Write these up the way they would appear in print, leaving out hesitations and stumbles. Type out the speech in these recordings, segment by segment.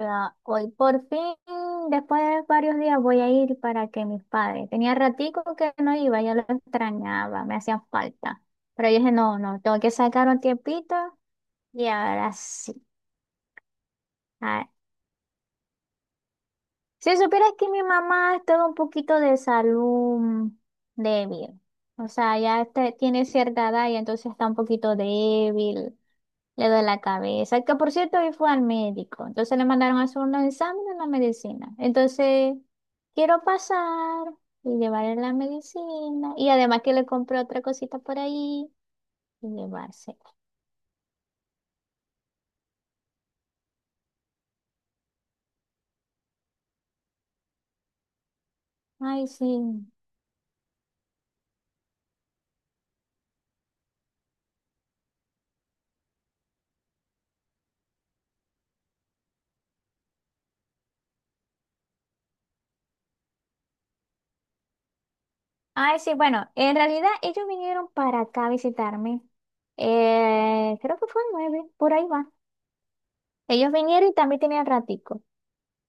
Ah, hoy por fin, después de varios días, voy a ir para que mis padres. Tenía ratico que no iba, ya lo extrañaba, me hacían falta. Pero yo dije, no, no, tengo que sacar un tiempito y ahora sí. Ah, si supieras que mi mamá estaba un poquito de salud débil. O sea, ya tiene cierta edad y entonces está un poquito débil, le duele la cabeza. Que por cierto, hoy fue al médico. Entonces le mandaron a hacer unos exámenes en la medicina. Entonces. Quiero pasar y llevarle la medicina. Y además que le compré otra cosita por ahí y llevarse. Ay, sí. Ay, sí, bueno, en realidad ellos vinieron para acá a visitarme. Creo que fue el 9 por ahí va. Ellos vinieron y también tenían ratico.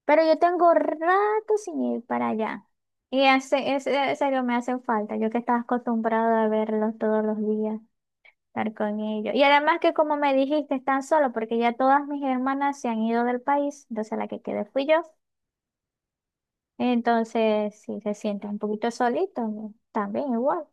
Pero yo tengo rato sin ir para allá. En serio me hacen falta, yo que estaba acostumbrada a verlos todos los días. Estar con ellos. Y además que como me dijiste, están solos porque ya todas mis hermanas se han ido del país, entonces la que quedé fui yo. Entonces, si se sienten un poquito solitos, ¿no? también igual.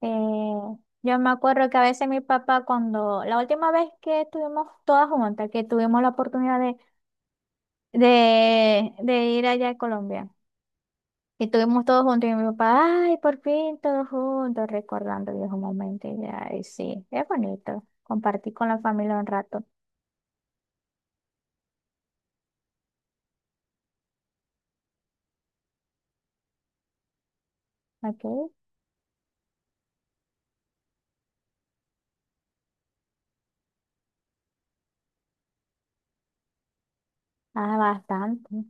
Eh, yo me acuerdo que a veces mi papá, cuando la última vez que estuvimos todas juntas, que tuvimos la oportunidad de, ir allá a Colombia, y estuvimos todos juntos, y mi papá, ay, por fin todos juntos, recordando viejos momentos, y ay, sí, es bonito compartir con la familia un rato. ¿Ok? Ah, bastante.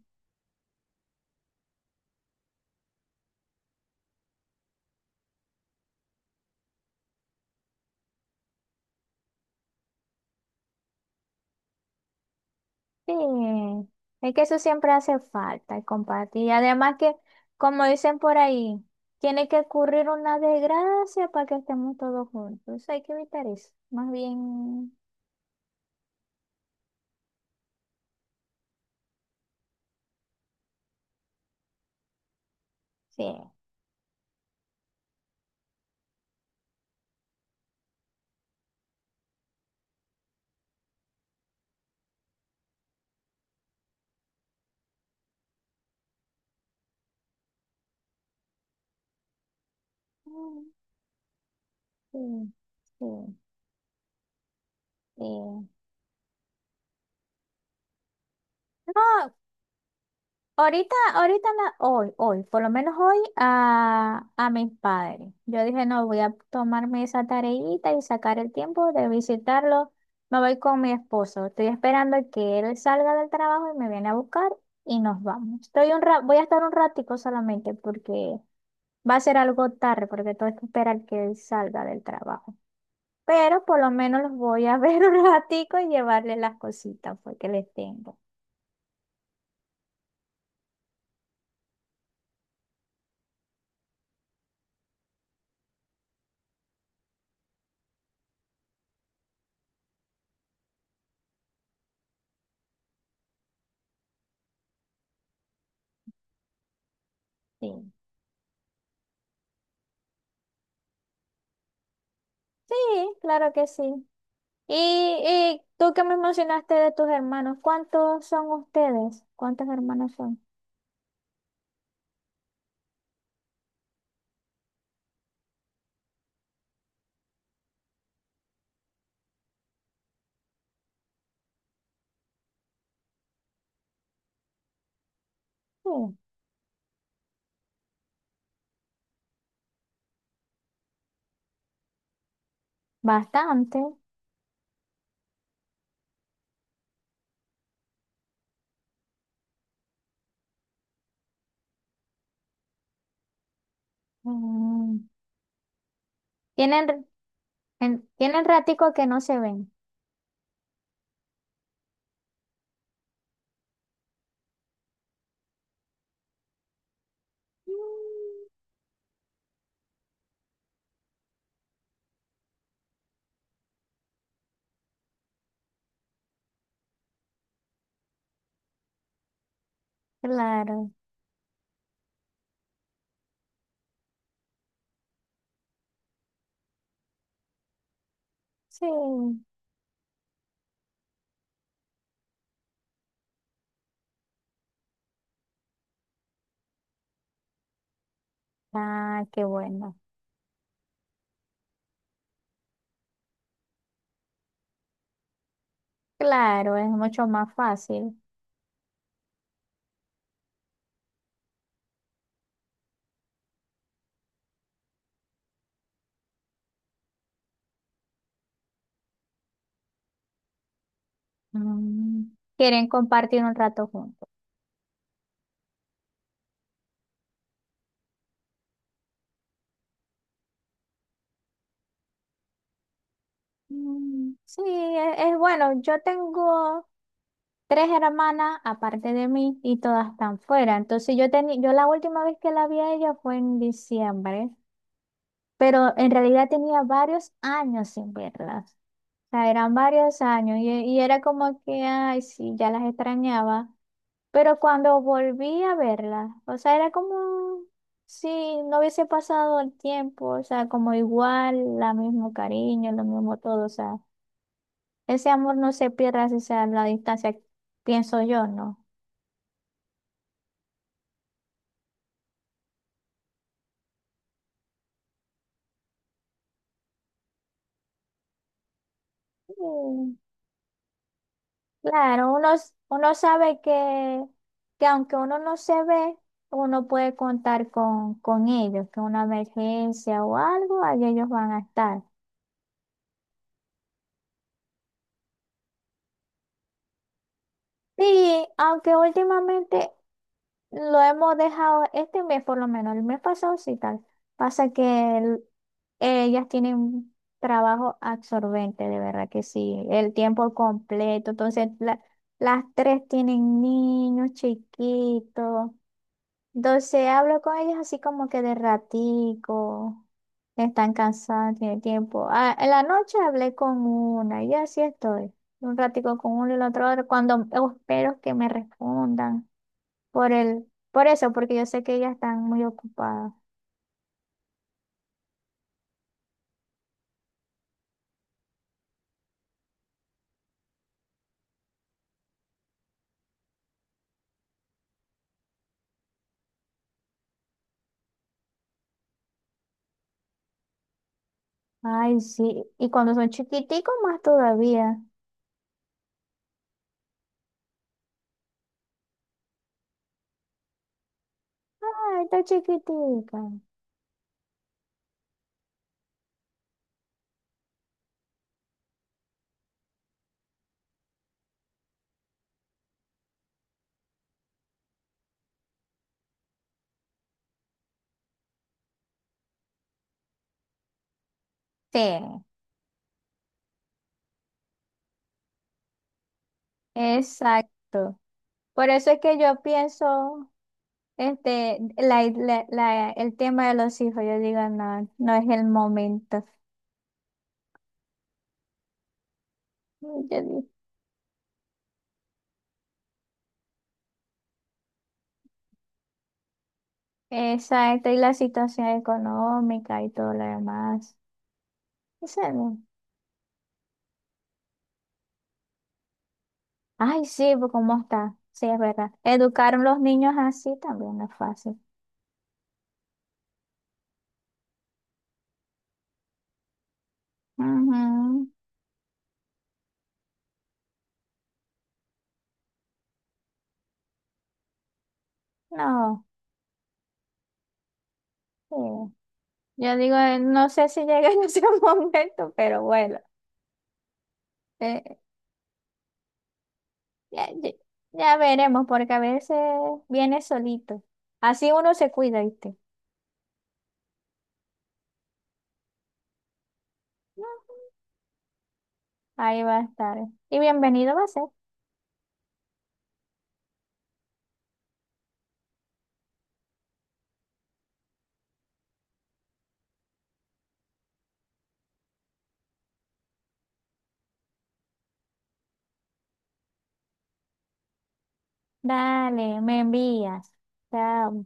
Sí. Es que eso siempre hace falta, el compartir. Y además que, como dicen por ahí, tiene que ocurrir una desgracia para que estemos todos juntos. Eso hay que evitar eso. Más bien. Sí. Mm, sí, sí, sí. No, ahorita, ahorita, hoy, hoy, por lo menos hoy, a mis padres. Yo dije, no, voy a tomarme esa tareita y sacar el tiempo de visitarlo. Me voy con mi esposo. Estoy esperando que él salga del trabajo y me viene a buscar y nos vamos. Voy a estar un ratico solamente porque va a ser algo tarde, porque tengo que esperar que él salga del trabajo. Pero por lo menos los voy a ver un ratico y llevarle las cositas pues, que les tengo. Sí, sí, claro que sí. Y, y tú que me mencionaste de tus hermanos, ¿cuántos son ustedes? ¿Cuántos hermanos son? Sí, bastante. Mm, Tienen, Tienen ratico que no se ven. Claro, sí. Ah, qué bueno. Claro, es mucho más fácil. Mm, Quieren compartir un rato juntos. Mm, sí, es bueno. Yo tengo tres hermanas aparte de mí y todas están fuera. Entonces yo tenía, yo la última vez que la vi a ella fue en diciembre, pero en realidad tenía varios años sin verlas. O sea, eran varios años y era como que, ay, sí, ya las extrañaba. Pero cuando volví a verlas, o sea, era como si no hubiese pasado el tiempo, o sea, como igual, el mismo cariño, lo mismo todo, o sea, ese amor no se pierde, así sea la distancia, pienso yo, ¿no? Mm. Claro, uno, uno sabe que, aunque uno no se ve, uno puede contar con ellos, que una emergencia o algo, ahí ellos van a estar. Sí, aunque últimamente lo hemos dejado, este mes por lo menos, el mes pasado sí tal, pasa que el- ellas tienen un trabajo absorbente, de verdad que sí, el tiempo completo, entonces las tres tienen niños chiquitos. Entonces hablo con ellos así como que de ratico, están cansados, tienen tiempo. Ah, en la noche hablé con una y así estoy. Un ratico con uno y el otro, cuando espero que me respondan por el, por eso, porque yo sé que ellas están muy ocupadas. Ay, sí, y cuando son chiquiticos más todavía. Ay, está chiquitica. Sí, exacto. Por eso es que yo pienso. Este, el tema de los hijos, yo digo, no, no es el momento. Yo digo, exacto, y la situación económica y todo lo demás. Eso no. Ay, sí, pues, ¿cómo está? Sí, es verdad. Educar a los niños así también no es fácil. Ujú. No, sí. Yo digo, no sé si llega en ese momento, pero bueno, eh, ya, ya- ya veremos, porque a veces viene solito. Así uno se cuida, ¿viste? Ahí va a estar. Y bienvenido va a ser. Dale, me envías. Chao.